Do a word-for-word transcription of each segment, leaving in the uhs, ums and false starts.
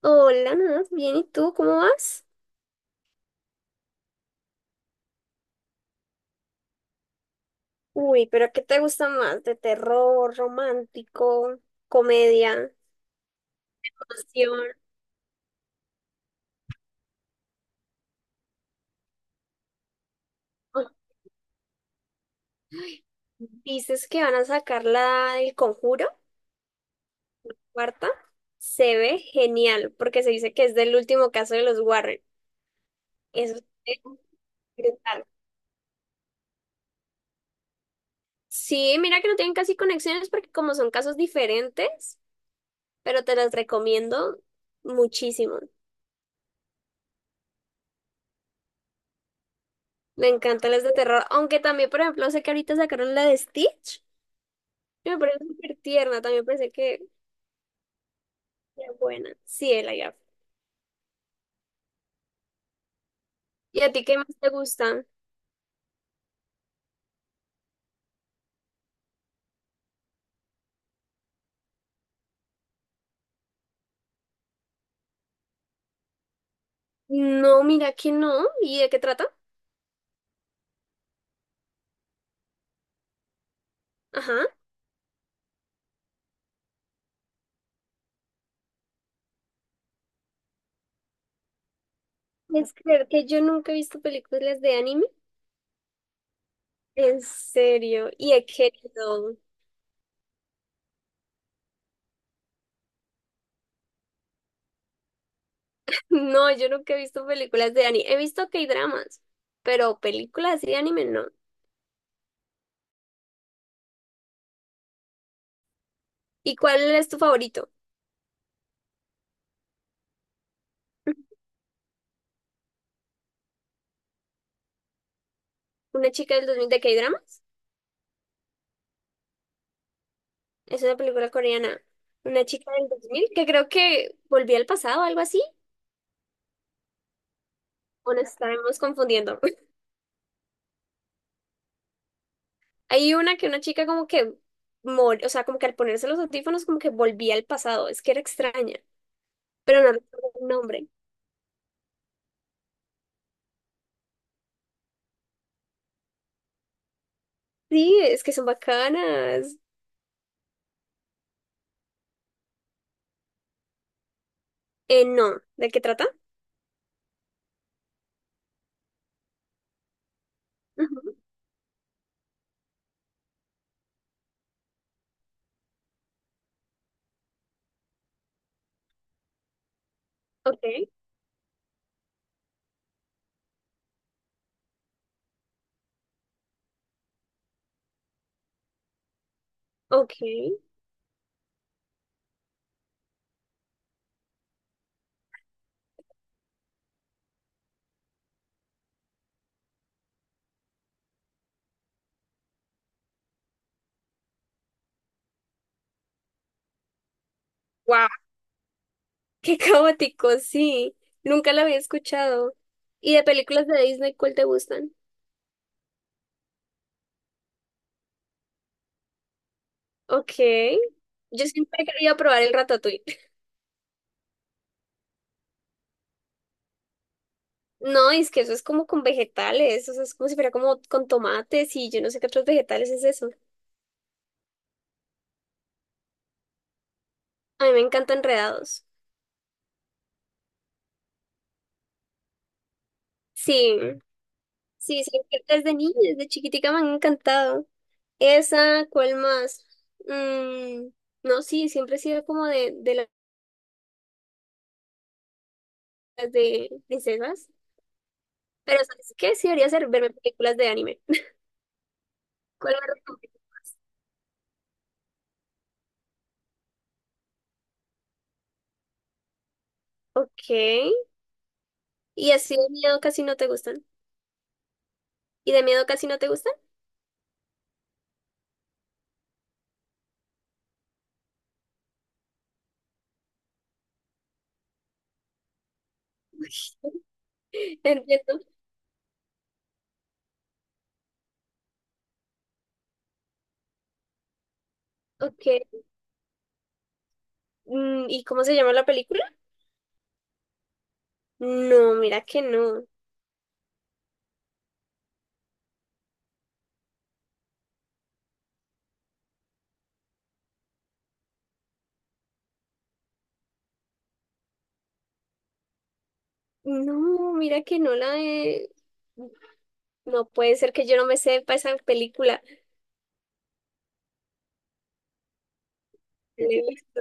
Hola, Nat, bien, ¿y tú cómo vas? Uy, pero ¿qué te gusta más? ¿De terror, romántico, comedia, acción? Oh, dices que van a sacar la del Conjuro, cuarta. Se ve genial, porque se dice que es del último caso de los Warren. Eso es brutal. Sí, mira que no tienen casi conexiones porque como son casos diferentes, pero te las recomiendo muchísimo. Me encantan las de terror, aunque también, por ejemplo, sé que ahorita sacaron la de Stitch. Me parece súper tierna, también pensé que era buena. Sí, el I A F. ¿Y a ti qué más te gusta? No, mira que no. ¿Y de qué trata? Ajá. Es creer que yo nunca he visto películas de anime. En serio. Y he querido. No, yo nunca he visto películas de anime. He visto K-dramas, pero películas de anime no. ¿Y cuál es tu favorito? Una chica del dos mil de K-dramas. Es una película coreana. Una chica del dos mil que creo que volvió al pasado, algo así. ¿O nos estaremos confundiendo? Hay una que una chica como que, mor- o sea, como que al ponerse los audífonos como que volvía al pasado, es que era extraña, pero no recuerdo el nombre. Sí, es que son bacanas. Eh, no, ¿de qué trata? Ujú. Ok, ok. Wow, qué caótico, sí. Nunca la había escuchado. ¿Y de películas de Disney cuál te gustan? Ok. Yo siempre he querido probar el ratatouille. No, es que eso es como con vegetales, o sea, es como si fuera como con tomates y yo no sé qué otros vegetales es eso. A mí me encantan enredados. Sí, sí, siempre desde niña, desde chiquitica me han encantado. Esa, ¿cuál más? Mm, no, sí, siempre he sido como de, de las de princesas. Pero ¿sabes qué? Sí debería ser verme películas de anime. ¿Cuál me recomiendas? Ok. Y así de miedo casi no te gustan. ¿Y de miedo casi no te gustan? Entiendo. Ok. Mm, ¿y cómo se llama la película? No, mira que no. No, mira que no la de... No puede ser que yo no me sepa esa película. Listo.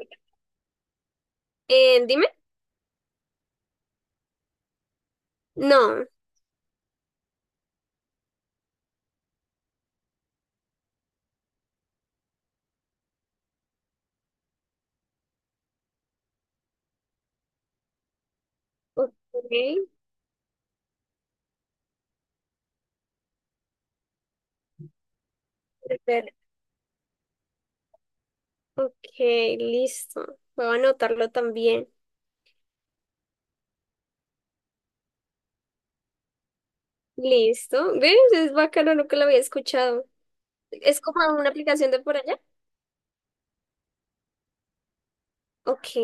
Eh, dime. No. Ok. Ver, ok, listo. Voy a anotarlo también. Listo. ¿Ves? Es bacano, nunca lo había escuchado. ¿Es como una aplicación de por allá? Ok.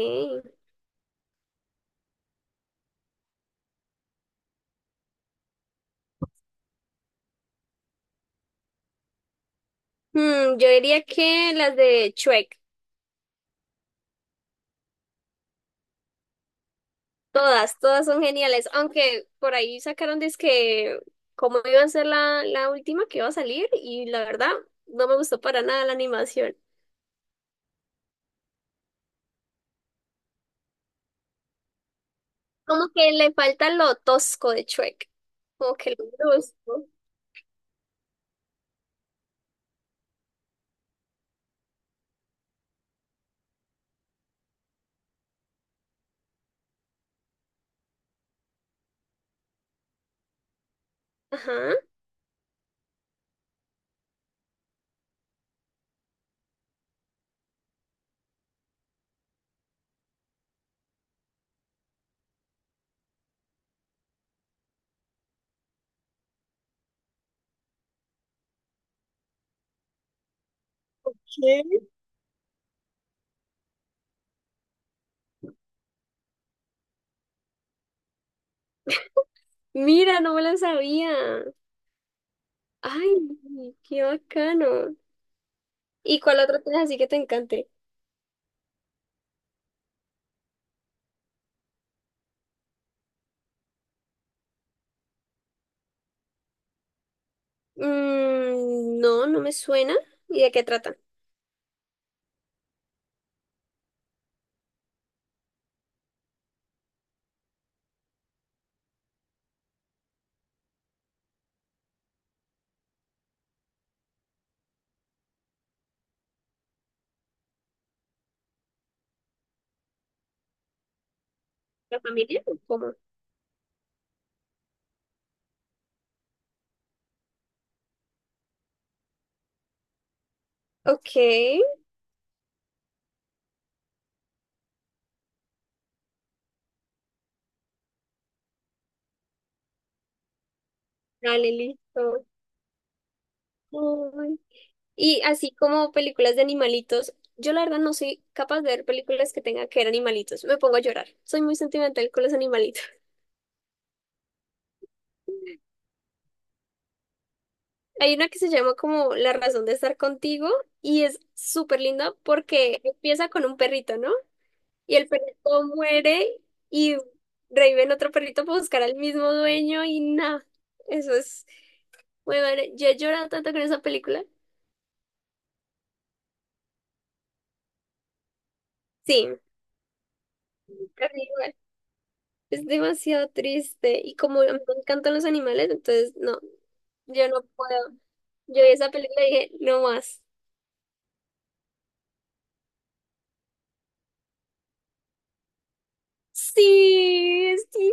Hmm, yo diría que las de Shrek. Todas, todas son geniales. Aunque por ahí sacaron que como iba a ser la, la última que iba a salir, y la verdad, no me gustó para nada la animación. Como que le falta lo tosco de Shrek. Como que lo conozco. Ajá. ¿Qué? Mira, no me la sabía. Ay, qué bacano. ¿Y cuál otro tienes así que te encante? Mm, no, no me suena. ¿Y de qué trata? ¿La familia o cómo? Ok, dale, listo. Uy. Y así como películas de animalitos, yo la verdad no soy capaz de ver películas que tengan que ver animalitos. Me pongo a llorar. Soy muy sentimental con los animalitos. Hay una que se llama como La razón de estar contigo y es súper linda porque empieza con un perrito, ¿no? Y el perrito muere y revive en otro perrito para buscar al mismo dueño y nada. Eso es muy bueno. Yo he llorado tanto con esa película. Sí, casi igual. Es demasiado triste y como a mí me encantan los animales, entonces no, yo no puedo. Yo vi esa película y dije, no más. Sí, es divino.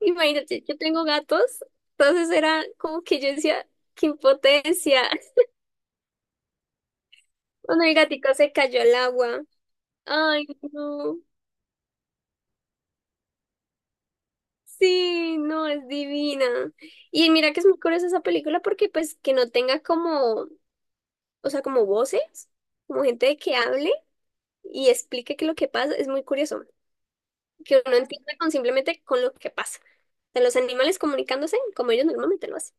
Imagínate, yo tengo gatos, entonces era como que yo decía, qué impotencia. Cuando mi gatico se cayó al agua. Ay, no. Sí, no, es divina. Y mira que es muy curiosa esa película porque pues que no tenga como, o sea, como voces, como gente de que hable y explique qué es lo que pasa, es muy curioso. Que uno entienda con simplemente con lo que pasa. De los animales comunicándose como ellos normalmente lo hacen.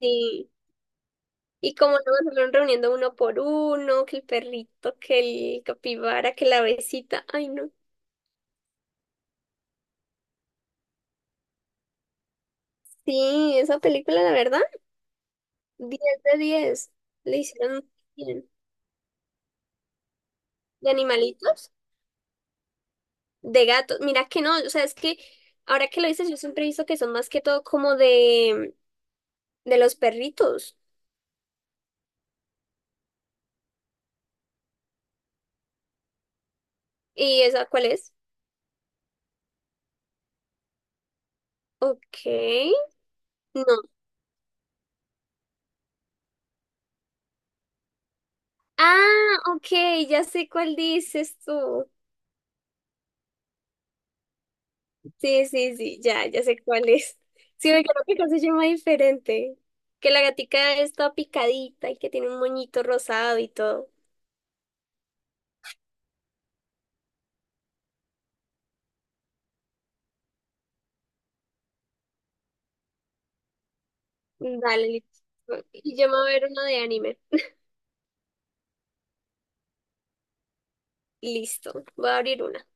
Sí. Y como no se fueron reuniendo uno por uno, que el perrito, que el capibara, que la besita. Ay, no. Sí, esa película, la verdad, diez de diez. Le hicieron muy bien. De animalitos, de gatos. Mira que no, o sea, es que ahora que lo dices, yo siempre he visto que son más que todo como de, de los perritos. ¿Y esa cuál es? Ok, no. Ah, ok, ya sé cuál dices tú. Sí, sí, sí, ya, ya sé cuál es. Sí, me creo que acá se llama diferente. Que la gatica está picadita y que tiene un moñito rosado y todo. Dale, listo. Y yo me voy a ver una de anime. Listo, voy a abrir una.